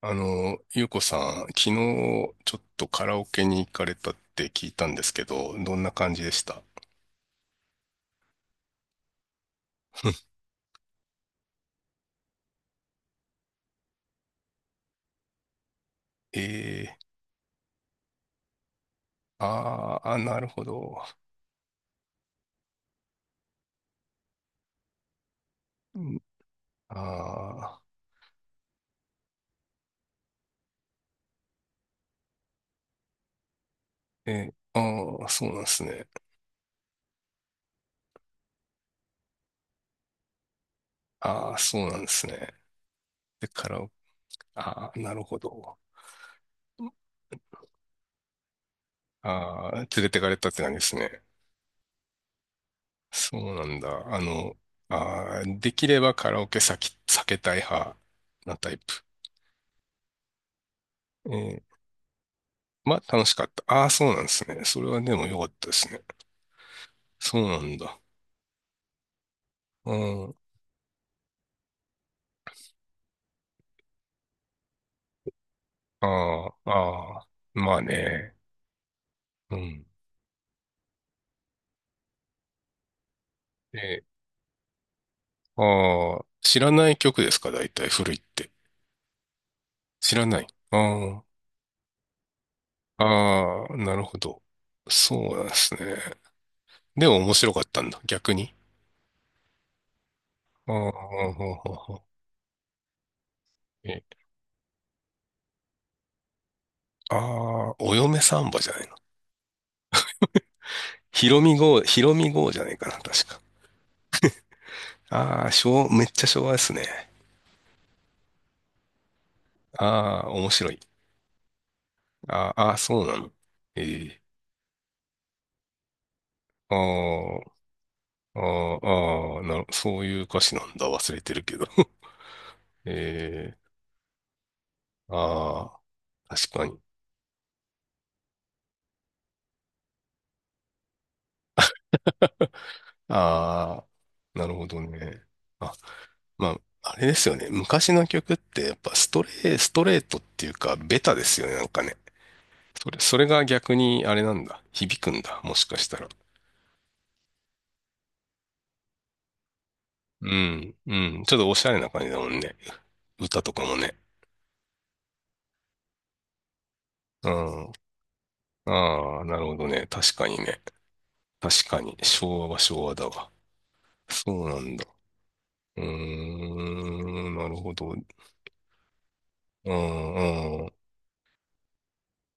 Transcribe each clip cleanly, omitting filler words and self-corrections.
ゆうこさん、昨日ちょっとカラオケに行かれたって聞いたんですけど、どんな感じでした？ えー、あーあ、なるほど。うん、あー、えー、あー、そうなんですね。ああ、そうなんですね。で、カラオケ、ああ、なるほど。ああ、連れてかれたって感じですね。そうなんだ。あの、できればカラオケ先避けたい派なタイプ。まあ、楽しかった。ああ、そうなんですね。それはでも良かったですね。そうなんだ。うん。ああ、ああ。まあね。うん。え、ああ、知らない曲ですか？大体古いって。知らない。ああ、ああ、なるほど。そうなんですね。でも面白かったんだ。逆に。ああ、ほうほうほう、え、ああ、お嫁サンバじゃないの？ひろみ号、ひろみ号じゃないかな、確か。ああ、めっちゃ昭和ですね。ああ、面白い。あ、あ、そうなの。ええ。ああ、ああ、ああ、そういう歌詞なんだ。忘れてるけど。ええ。ああ、確かに。ああ、なるほどね。あ、まあ、あれですよね。昔の曲ってやっぱストレートっていうか、ベタですよね。なんかね。それが逆にあれなんだ。響くんだ。もしかしたら。うん、うん。ちょっとおしゃれな感じだもんね。歌とかもね。うん。ああ、なるほどね。確かにね。確かに、昭和は昭和だわ。そうなんだ。うーん、なるほど。うん、うん、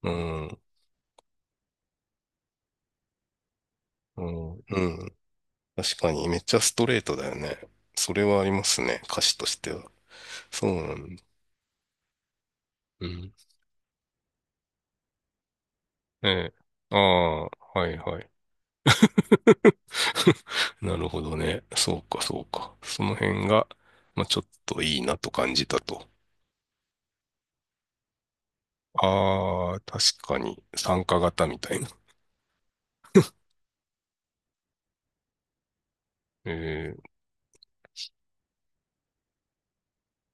うん、うん、うん。確かに、めっちゃストレートだよね。それはありますね、歌詞としては。そうなんだ。うん。ええ。ああ、はいはい。なるほどね。そうか、そうか。その辺が、まあ、ちょっといいなと感じたと。ああ、確かに、参加型みたいな。ええ。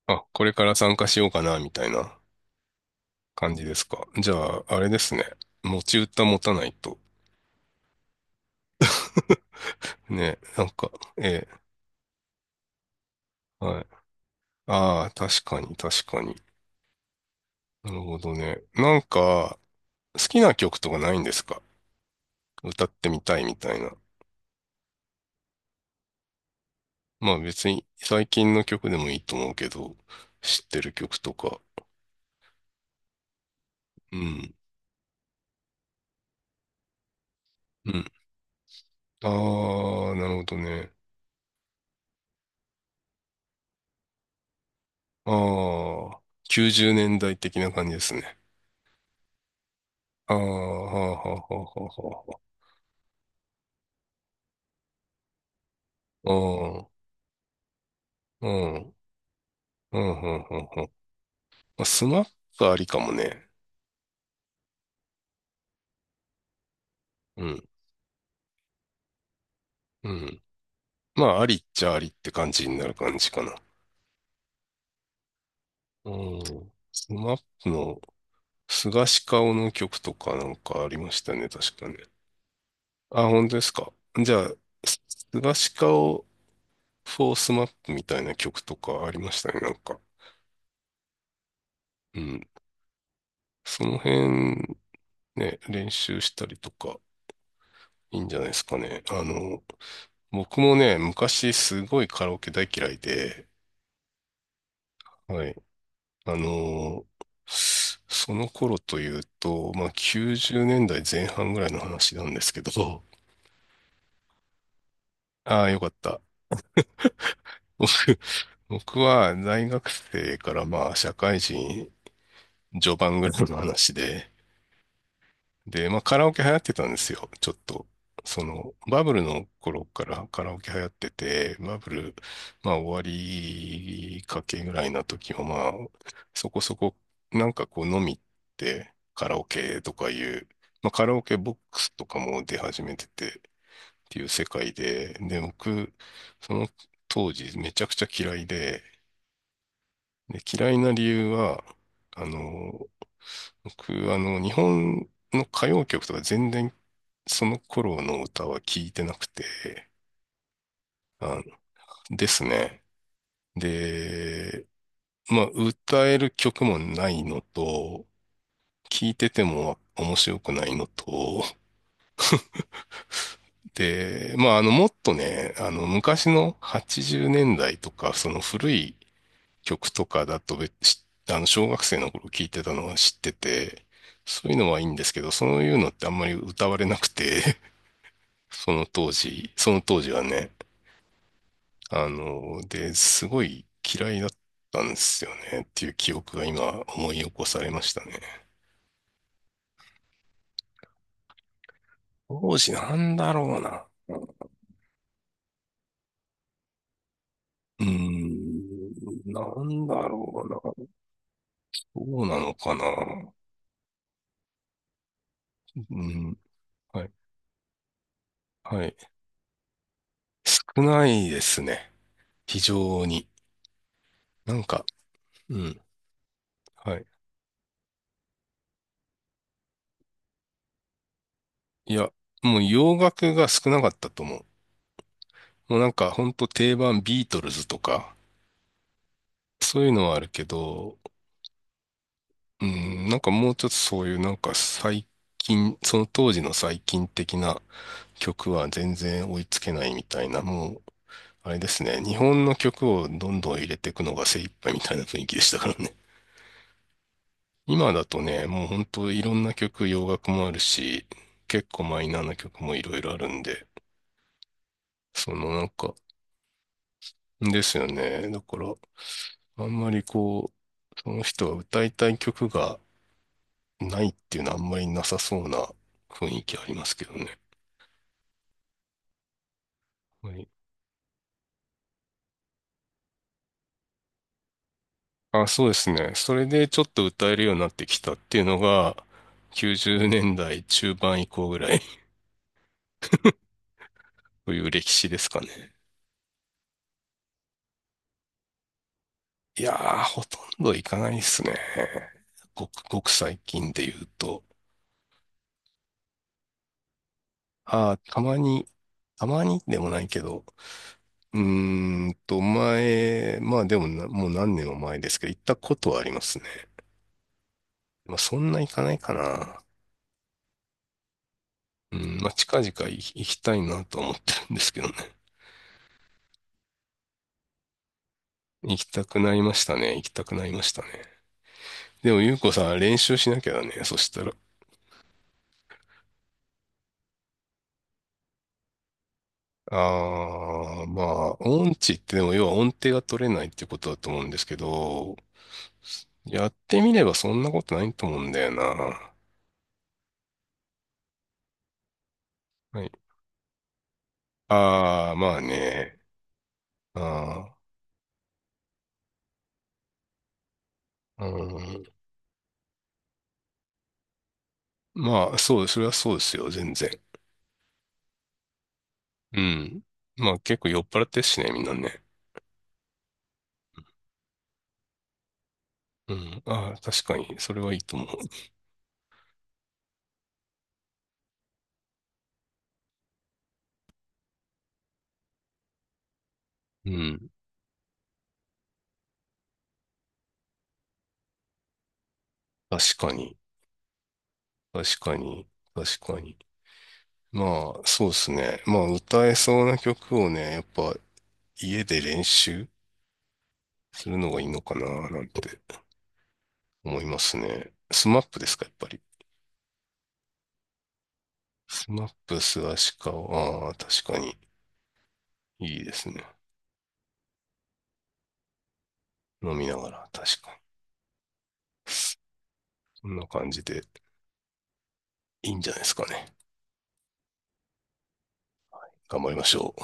あ、これから参加しようかな、みたいな。感じですか？じゃあ、あれですね。持ち歌持たないと。ね、なんか、ええ、はい。ああ、確かに、確かに。なるほどね。なんか、好きな曲とかないんですか？歌ってみたいみたいな。まあ別に最近の曲でもいいと思うけど、知ってる曲とか。うん。うん。ああ、なるほどね。ああ、90年代的な感じですね。ああ、はあはあはあはあはあ。うん。うん。うん。うん。うん。スナックありかもね。うん。うん。まあ、ありっちゃありって感じになる感じかな。うん。スマップの菅氏顔の曲とかなんかありましたね、確かね。あ、本当ですか？じゃあ、す菅氏顔フォースマップみたいな曲とかありましたね、なんか。うん。その辺、ね、練習したりとか、いいんじゃないですかね。僕もね、昔すごいカラオケ大嫌いで、はい。あのーその頃というと、まあ、90年代前半ぐらいの話なんですけど、ああ、よかった。僕、僕は大学生からまあ、社会人序盤ぐらいの話で、で、まあカラオケ流行ってたんですよ。ちょっと。その、バブルの頃からカラオケ流行ってて、バブル、まあ終わりかけぐらいな時もまあ、そこそこ、なんかこう飲みってカラオケとかいう、まあカラオケボックスとかも出始めててっていう世界で、で、僕、その当時めちゃくちゃ嫌いで、で、嫌いな理由は、あの、僕、日本の歌謡曲とか全然その頃の歌は聞いてなくて、あですね。で、まあ、歌える曲もないのと、聞いてても面白くないのと、で、まあ、もっとね、昔の80年代とか、その古い曲とかだと別、べし小学生の頃聞いてたのは知ってて、そういうのはいいんですけど、そういうのってあんまり歌われなくて、その当時はね。で、すごい嫌いだったんですよねっていう記憶が今思い起こされましたね。当時なんだろうな。うーん、なんだろうな。どうなのかな。うん、はい、はい。少ないですね。非常に。なんか、うん、はい。いや、もう洋楽が少なかったと思う。もうなんかほんと定番ビートルズとか、そういうのはあるけど、うん、なんかもうちょっとそういうなんか最近、その当時の最近的な曲は全然追いつけないみたいな、もう、あれですね、日本の曲をどんどん入れていくのが精一杯みたいな雰囲気でしたからね。今だとね、もう本当いろんな曲、洋楽もあるし、結構マイナーな曲もいろいろあるんで、そのなんか、ですよね。だから、あんまりこう、その人が歌いたい曲がないっていうのはあんまりなさそうな雰囲気ありますけどね。はい。あ、そうですね。それでちょっと歌えるようになってきたっていうのが、90年代中盤以降ぐらい という歴史ですかね。いやー、ほとんどいかないですね。ごくごく最近で言うと。あー、たまに、たまにでもないけど、うー前、まあでもな、もう何年も前ですけど、行ったことはありますね。まあそんな行かないかな。うん、まあ近々行きたいなとは思ってるんですけどね。行きたくなりましたね。行きたくなりましたね。でも、ゆうこさん、練習しなきゃだね。そしたら。ああ、まあ、音痴ってでも、要は音程が取れないってことだと思うんですけど、やってみればそんなことないと思うんだよな。はい。ああ、まあね。ああ、うん。まあ、そうです。それはそうですよ。全然。うん。まあ、結構酔っ払ってるしね、みんなね。うん。ああ、確かに。それはいいと思う。うん。確かに。確かに。確かに。まあ、そうですね。まあ、歌えそうな曲をね、やっぱ家で練習するのがいいのかな、なんて思いますね。スマップですか、やっぱり。スマップ、スアシカオ、ああ、確かにいいですね。飲みながら、確かに。こんな感じでいいんじゃないですかね。頑張りましょう。